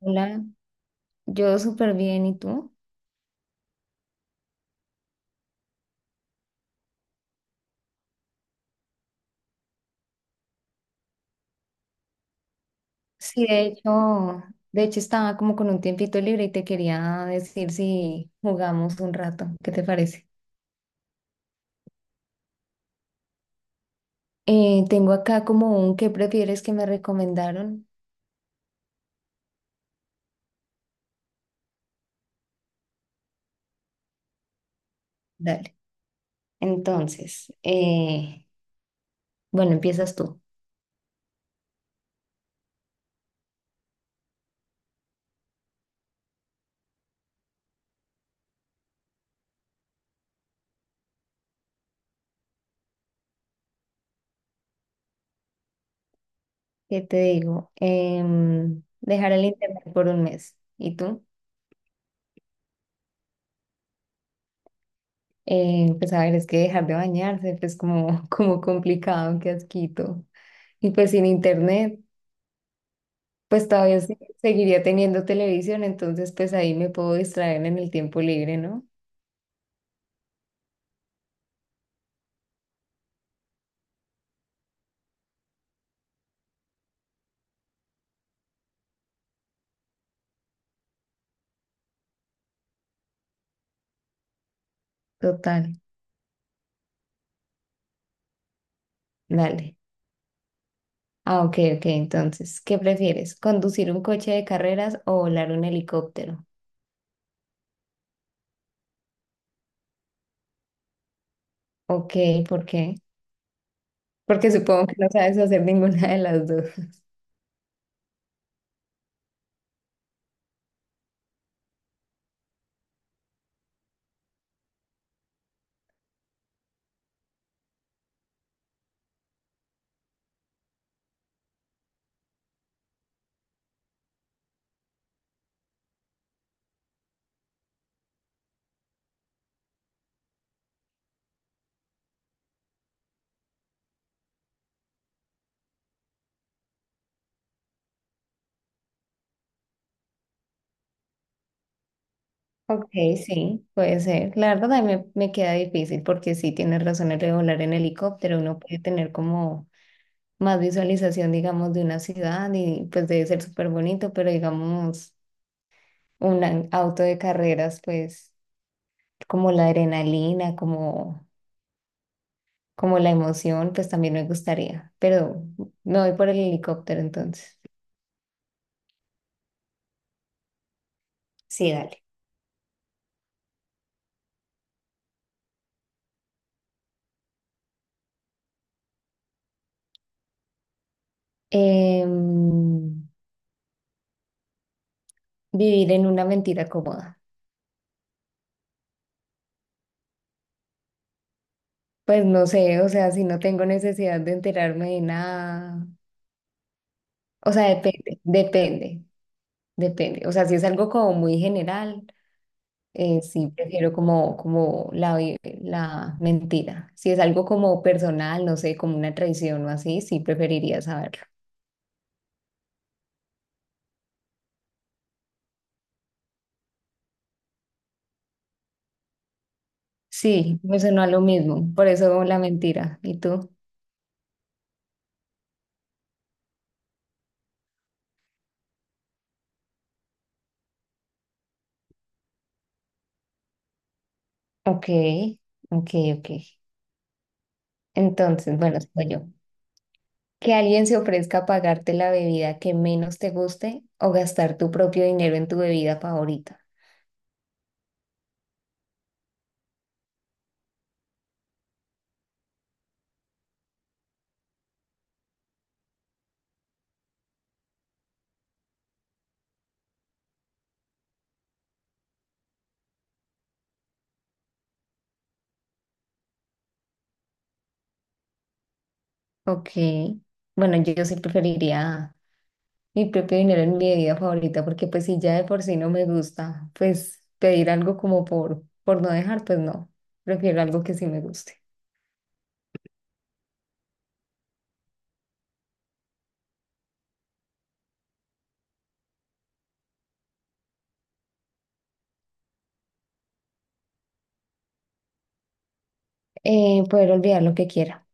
Hola, yo súper bien, ¿y tú? Sí, de hecho estaba como con un tiempito libre y te quería decir si jugamos un rato, ¿qué te parece? Tengo acá como un ¿qué prefieres que me recomendaron? Dale. Entonces, bueno, empiezas tú. ¿Qué te digo? Dejar el internet por un mes. ¿Y tú? Pues a ver, es que dejar de bañarse, pues como, como complicado, qué asquito. Y pues sin internet. Pues todavía seguiría teniendo televisión, entonces pues ahí me puedo distraer en el tiempo libre, ¿no? Total, dale. Ah, ok, ok, entonces, ¿qué prefieres? ¿Conducir un coche de carreras o volar un helicóptero? Ok, ¿por qué? Porque supongo que no sabes hacer ninguna de las dos. Ok, sí, puede ser. La verdad a mí me queda difícil porque sí tienes razón el de volar en helicóptero, uno puede tener como más visualización, digamos, de una ciudad y pues debe ser súper bonito, pero digamos... un auto de carreras, pues como la adrenalina, como, como la emoción, pues también me gustaría, pero me voy por el helicóptero entonces. Sí, dale. Em, vivir en una mentira cómoda. Pues no sé, o sea, si no tengo necesidad de enterarme de nada, o sea, depende, depende, depende. O sea, si es algo como muy general. Sí, prefiero como la mentira. Si es algo como personal, no sé, como una traición o así, sí preferiría saberlo. Sí, me sonó a lo mismo, por eso la mentira. ¿Y tú? Ok, ok, ok. Entonces, bueno, soy yo. Que alguien se ofrezca a pagarte la bebida que menos te guste o gastar tu propio dinero en tu bebida favorita. Ok. Bueno, yo sí preferiría mi propio dinero en mi bebida favorita, porque pues si ya de por sí no me gusta, pues pedir algo como por no dejar, pues no, prefiero algo que sí me guste. Poder olvidar lo que quiera.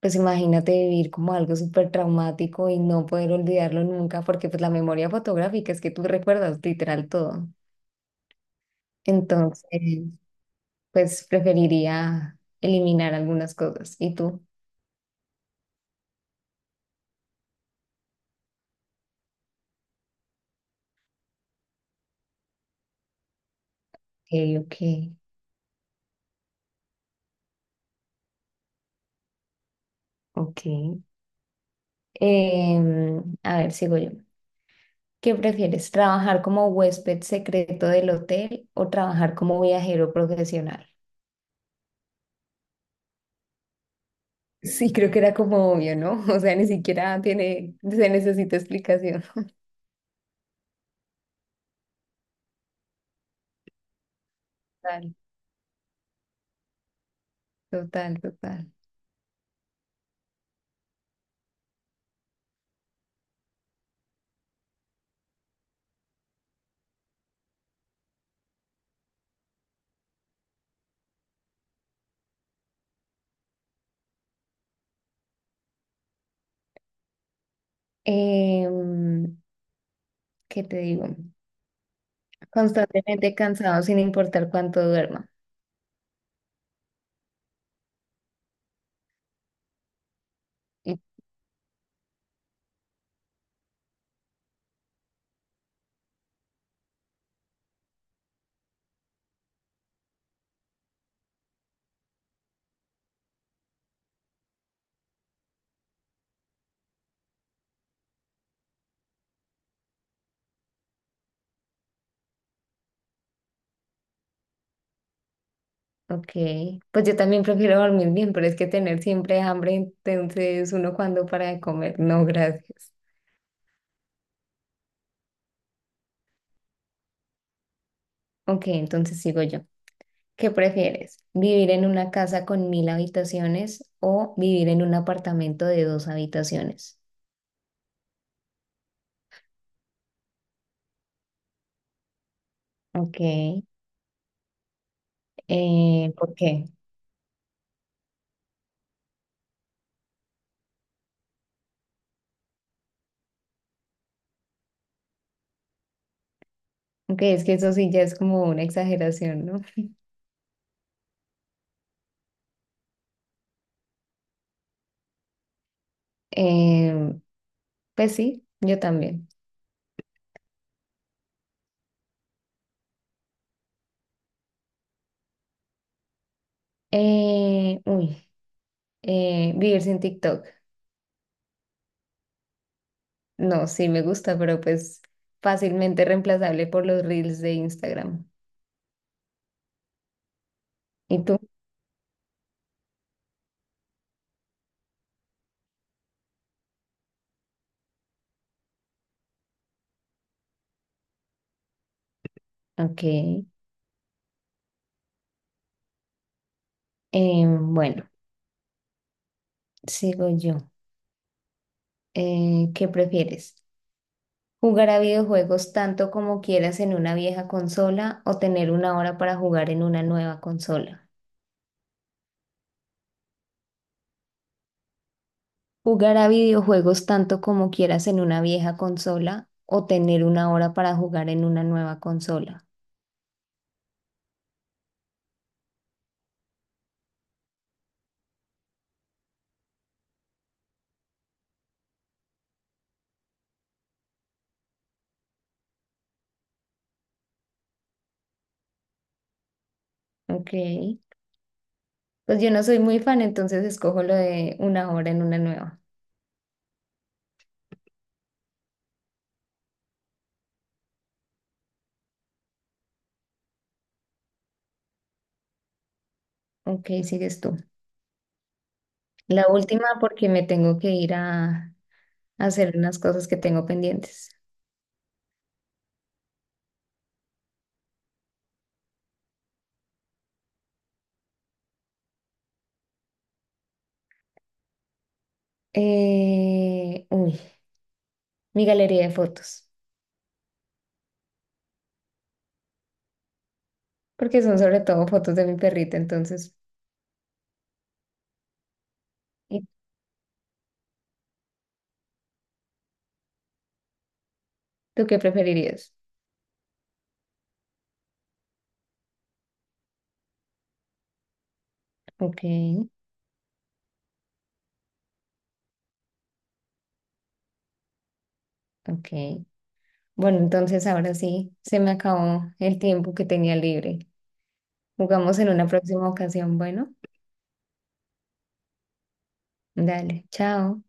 Pues imagínate vivir como algo súper traumático y no poder olvidarlo nunca, porque pues la memoria fotográfica es que tú recuerdas literal todo. Entonces, pues preferiría eliminar algunas cosas. ¿Y tú? Ok, ok, ok. A ver, sigo yo. ¿Qué prefieres, trabajar como huésped secreto del hotel o trabajar como viajero profesional? Sí, creo que era como obvio, ¿no? O sea, ni siquiera tiene, se necesita explicación. Total, total, total. Em, ¿Qué te digo? Constantemente cansado sin importar cuánto duerma. Y- Ok, pues yo también prefiero dormir bien, pero es que tener siempre hambre, entonces uno cuando para de comer, no, gracias. Ok, entonces sigo yo. ¿Qué prefieres? ¿Vivir en una casa con 1.000 habitaciones o vivir en un apartamento de dos habitaciones? Ok, ¿por qué? Ok, es que eso sí ya es como una exageración, ¿no? Eh, pues sí, yo también. Uy, vivir sin TikTok. No, sí me gusta, pero pues fácilmente reemplazable por los reels de Instagram. ¿Y tú? Ok, bueno, sigo yo. ¿Qué prefieres? Jugar a videojuegos tanto como quieras en una vieja consola o tener una hora para jugar en una nueva consola. Jugar a videojuegos tanto como quieras en una vieja consola o tener una hora para jugar en una nueva consola. Ok. Pues yo no soy muy fan, entonces escojo lo de una hora en una nueva. Ok, sigues tú. La última porque me tengo que ir a hacer unas cosas que tengo pendientes. Uy, mi galería de fotos. Porque son sobre todo fotos de mi perrita, entonces, ¿y tú qué preferirías? Ok, ok. Bueno, entonces ahora sí, se me acabó el tiempo que tenía libre. Jugamos en una próxima ocasión, bueno, dale, chao.